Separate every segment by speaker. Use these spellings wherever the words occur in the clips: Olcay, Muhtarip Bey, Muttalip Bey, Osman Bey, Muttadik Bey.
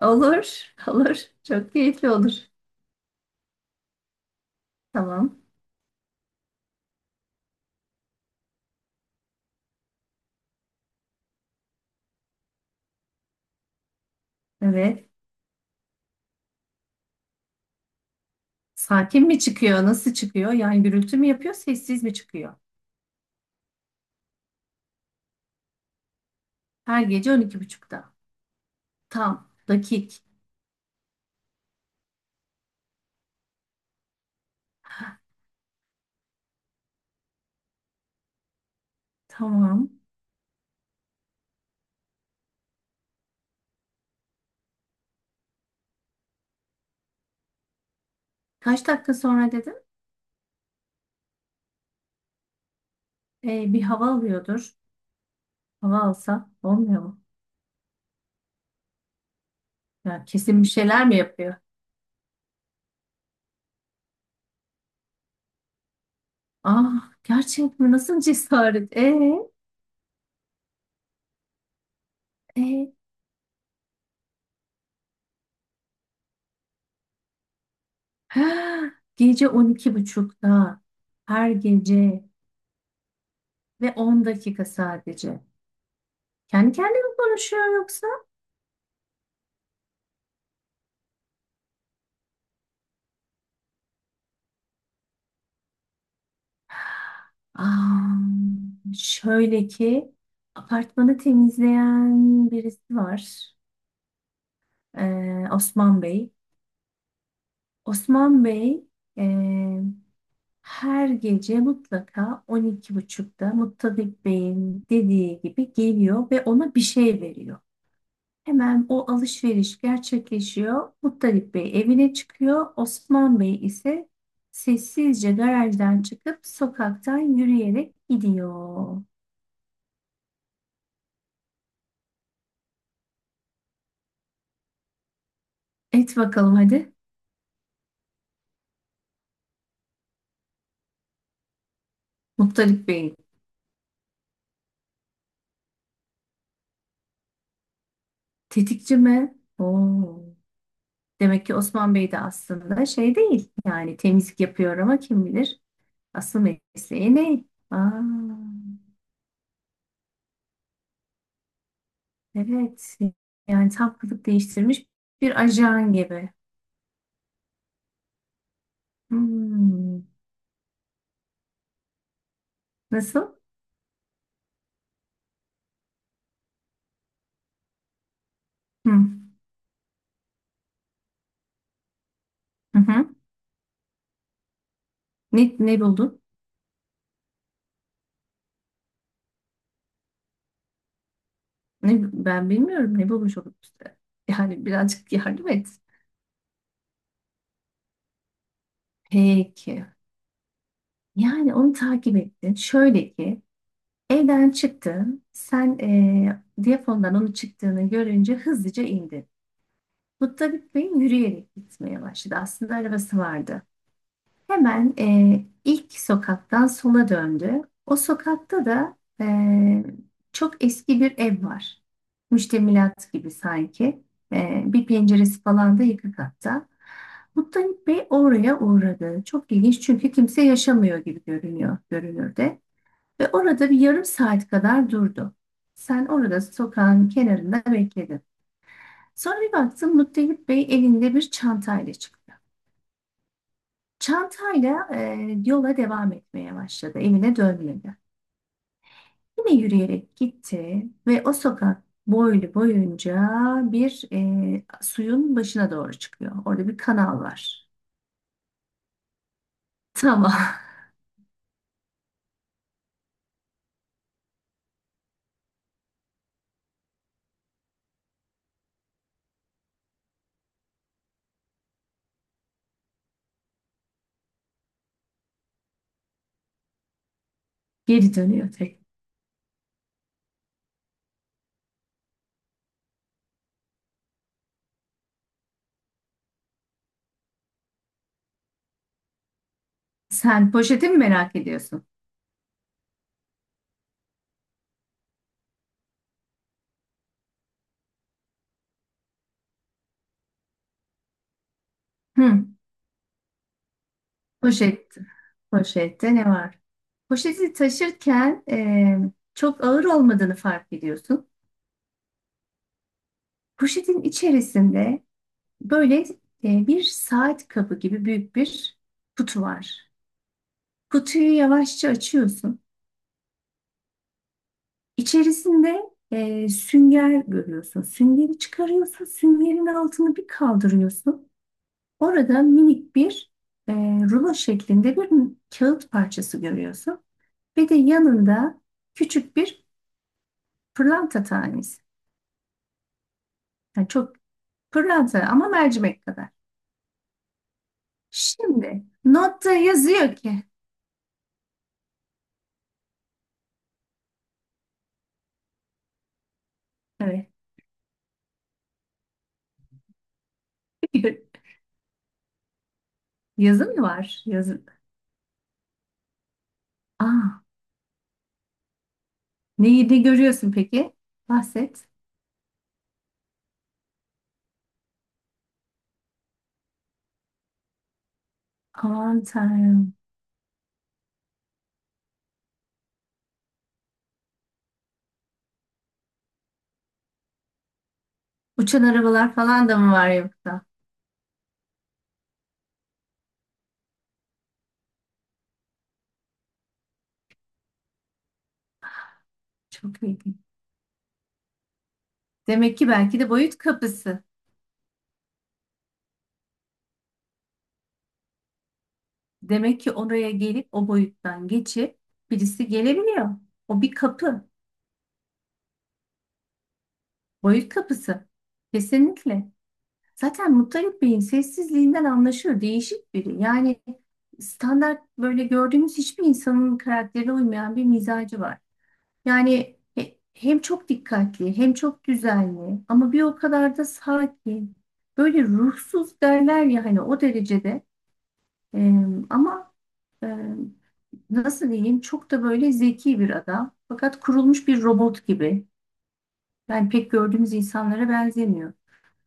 Speaker 1: Olur, olur. Çok keyifli olur. Tamam. Evet. Sakin mi çıkıyor? Nasıl çıkıyor? Yani gürültü mü yapıyor, sessiz mi çıkıyor? Her gece on iki buçukta. Tam, dakik. Tamam. Kaç dakika sonra dedim? Bir hava alıyordur. Hava alsa olmuyor mu? Ya kesin bir şeyler mi yapıyor? Ah, gerçek mi? Nasıl cesaret? Ee. Gece on iki buçukta. Her gece ve 10 dakika sadece. Kendi kendine mi konuşuyor yoksa? Aa, şöyle ki apartmanı temizleyen birisi var. Osman Bey. Osman Bey ee, her gece mutlaka 12.30'da Muttadik Bey'in dediği gibi geliyor ve ona bir şey veriyor. Hemen o alışveriş gerçekleşiyor. Muttadik Bey evine çıkıyor. Osman Bey ise sessizce garajdan çıkıp sokaktan yürüyerek gidiyor. Et bakalım hadi. Muhtarip Bey tetikçi mi? Oo. Demek ki Osman Bey de aslında şey değil. Yani temizlik yapıyor ama kim bilir asıl mesleği ne? Aa, evet. Yani tam kılık değiştirmiş bir ajan gibi. Hmm. Nasıl? Hı. Hı hı. Ne buldun? Ne, ben bilmiyorum ne bulmuş olup işte. Yani birazcık yardım et. Peki. Yani onu takip ettin. Şöyle ki evden çıktı. Sen diyafondan onun çıktığını görünce hızlıca indi. Muttalip Bey yürüyerek gitmeye başladı. Aslında arabası vardı. Hemen ilk sokaktan sola döndü. O sokakta da çok eski bir ev var. Müştemilat gibi sanki. Bir penceresi falan da yıkık hatta. Muttalip Bey oraya uğradı. Çok ilginç çünkü kimse yaşamıyor gibi görünüyor görünürde. Ve orada bir yarım saat kadar durdu. Sen orada sokağın kenarında bekledin. Sonra bir baktım, Muttalip Bey elinde bir çantayla çıktı. Çantayla yola devam etmeye başladı. Evine dönmedi. Yine yürüyerek gitti ve o sokak boylu boyunca bir suyun başına doğru çıkıyor. Orada bir kanal var. Tamam. Geri dönüyor tek. Sen poşeti mi merak ediyorsun? Hı. Poşet. Poşette ne var? Poşeti taşırken çok ağır olmadığını fark ediyorsun. Poşetin içerisinde böyle bir saat kabı gibi büyük bir kutu var. Kutuyu yavaşça açıyorsun. İçerisinde sünger görüyorsun. Süngeri çıkarıyorsun. Süngerin altını bir kaldırıyorsun. Orada minik bir e, rulo şeklinde bir kağıt parçası görüyorsun. Ve de yanında küçük bir pırlanta tanesi. Yani çok pırlanta ama mercimek kadar. Şimdi notta yazıyor ki. Evet. Yazı mı var? Yazı. Aa, neyi ne görüyorsun peki? Bahset. Aman Tanrım. Uçan arabalar falan da mı var yoksa? Çok ilginç. Demek ki belki de boyut kapısı. Demek ki oraya gelip o boyuttan geçip birisi gelebiliyor. O bir kapı. Boyut kapısı. Kesinlikle. Zaten Muttalip Bey'in sessizliğinden anlaşılır. Değişik biri. Yani standart böyle gördüğümüz hiçbir insanın karakterine uymayan bir mizacı var. Yani hem çok dikkatli hem çok düzenli ama bir o kadar da sakin. Böyle ruhsuz derler ya hani o derecede. Ee, ama e, nasıl diyeyim çok da böyle zeki bir adam. Fakat kurulmuş bir robot gibi. Yani pek gördüğümüz insanlara benzemiyor.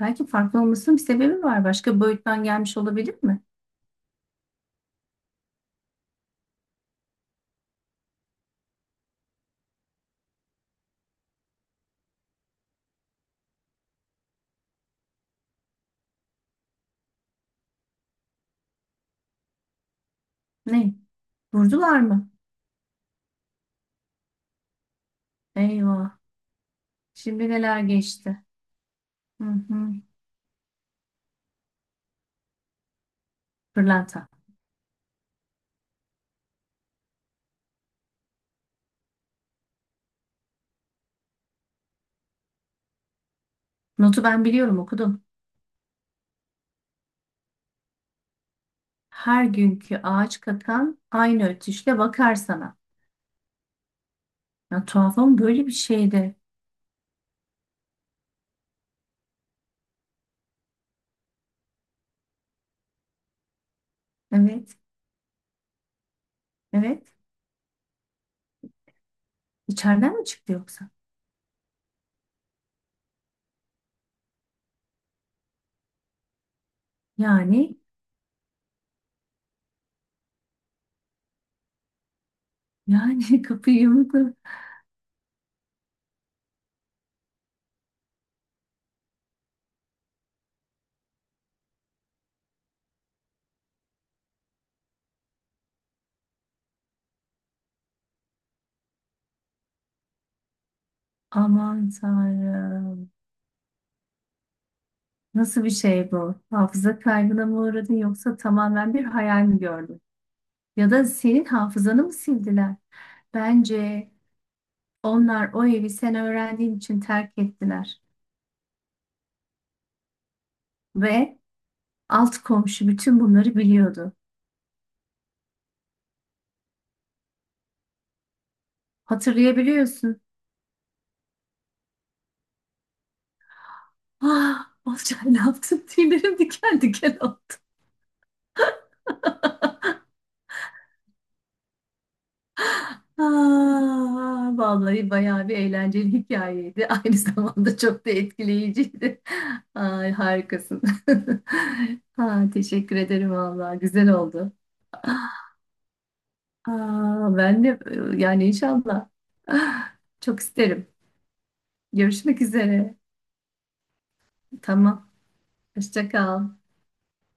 Speaker 1: Belki farklı olmasının bir sebebi var. Başka boyuttan gelmiş olabilir mi? Ne? Vurdular mı? Eyvah. Şimdi neler geçti? Hı hı. Pırlanta. Notu ben biliyorum, okudum. Her günkü ağaç kakan aynı ötüşle bakar sana. Ya tuhaf ama böyle bir şeydi. Evet, evet. İçeriden mi çıktı yoksa? Yani, yani kapıyı yumrukla. Aman Tanrım. Nasıl bir şey bu? Hafıza kaybına mı uğradın yoksa tamamen bir hayal mi gördün? Ya da senin hafızanı mı sildiler? Bence onlar o evi sen öğrendiğin için terk ettiler. Ve alt komşu bütün bunları biliyordu. Hatırlayabiliyorsun. Ah, Olcay ne yaptın? Tüylerim diken diken oldu. Aa, vallahi bayağı bir eğlenceli hikayeydi. Aynı zamanda çok da etkileyiciydi. Ay, harikasın. Ha, teşekkür ederim vallahi. Güzel oldu. Aa, ben de yani inşallah. Ah, çok isterim. Görüşmek üzere. Tamam. Hoşça kal.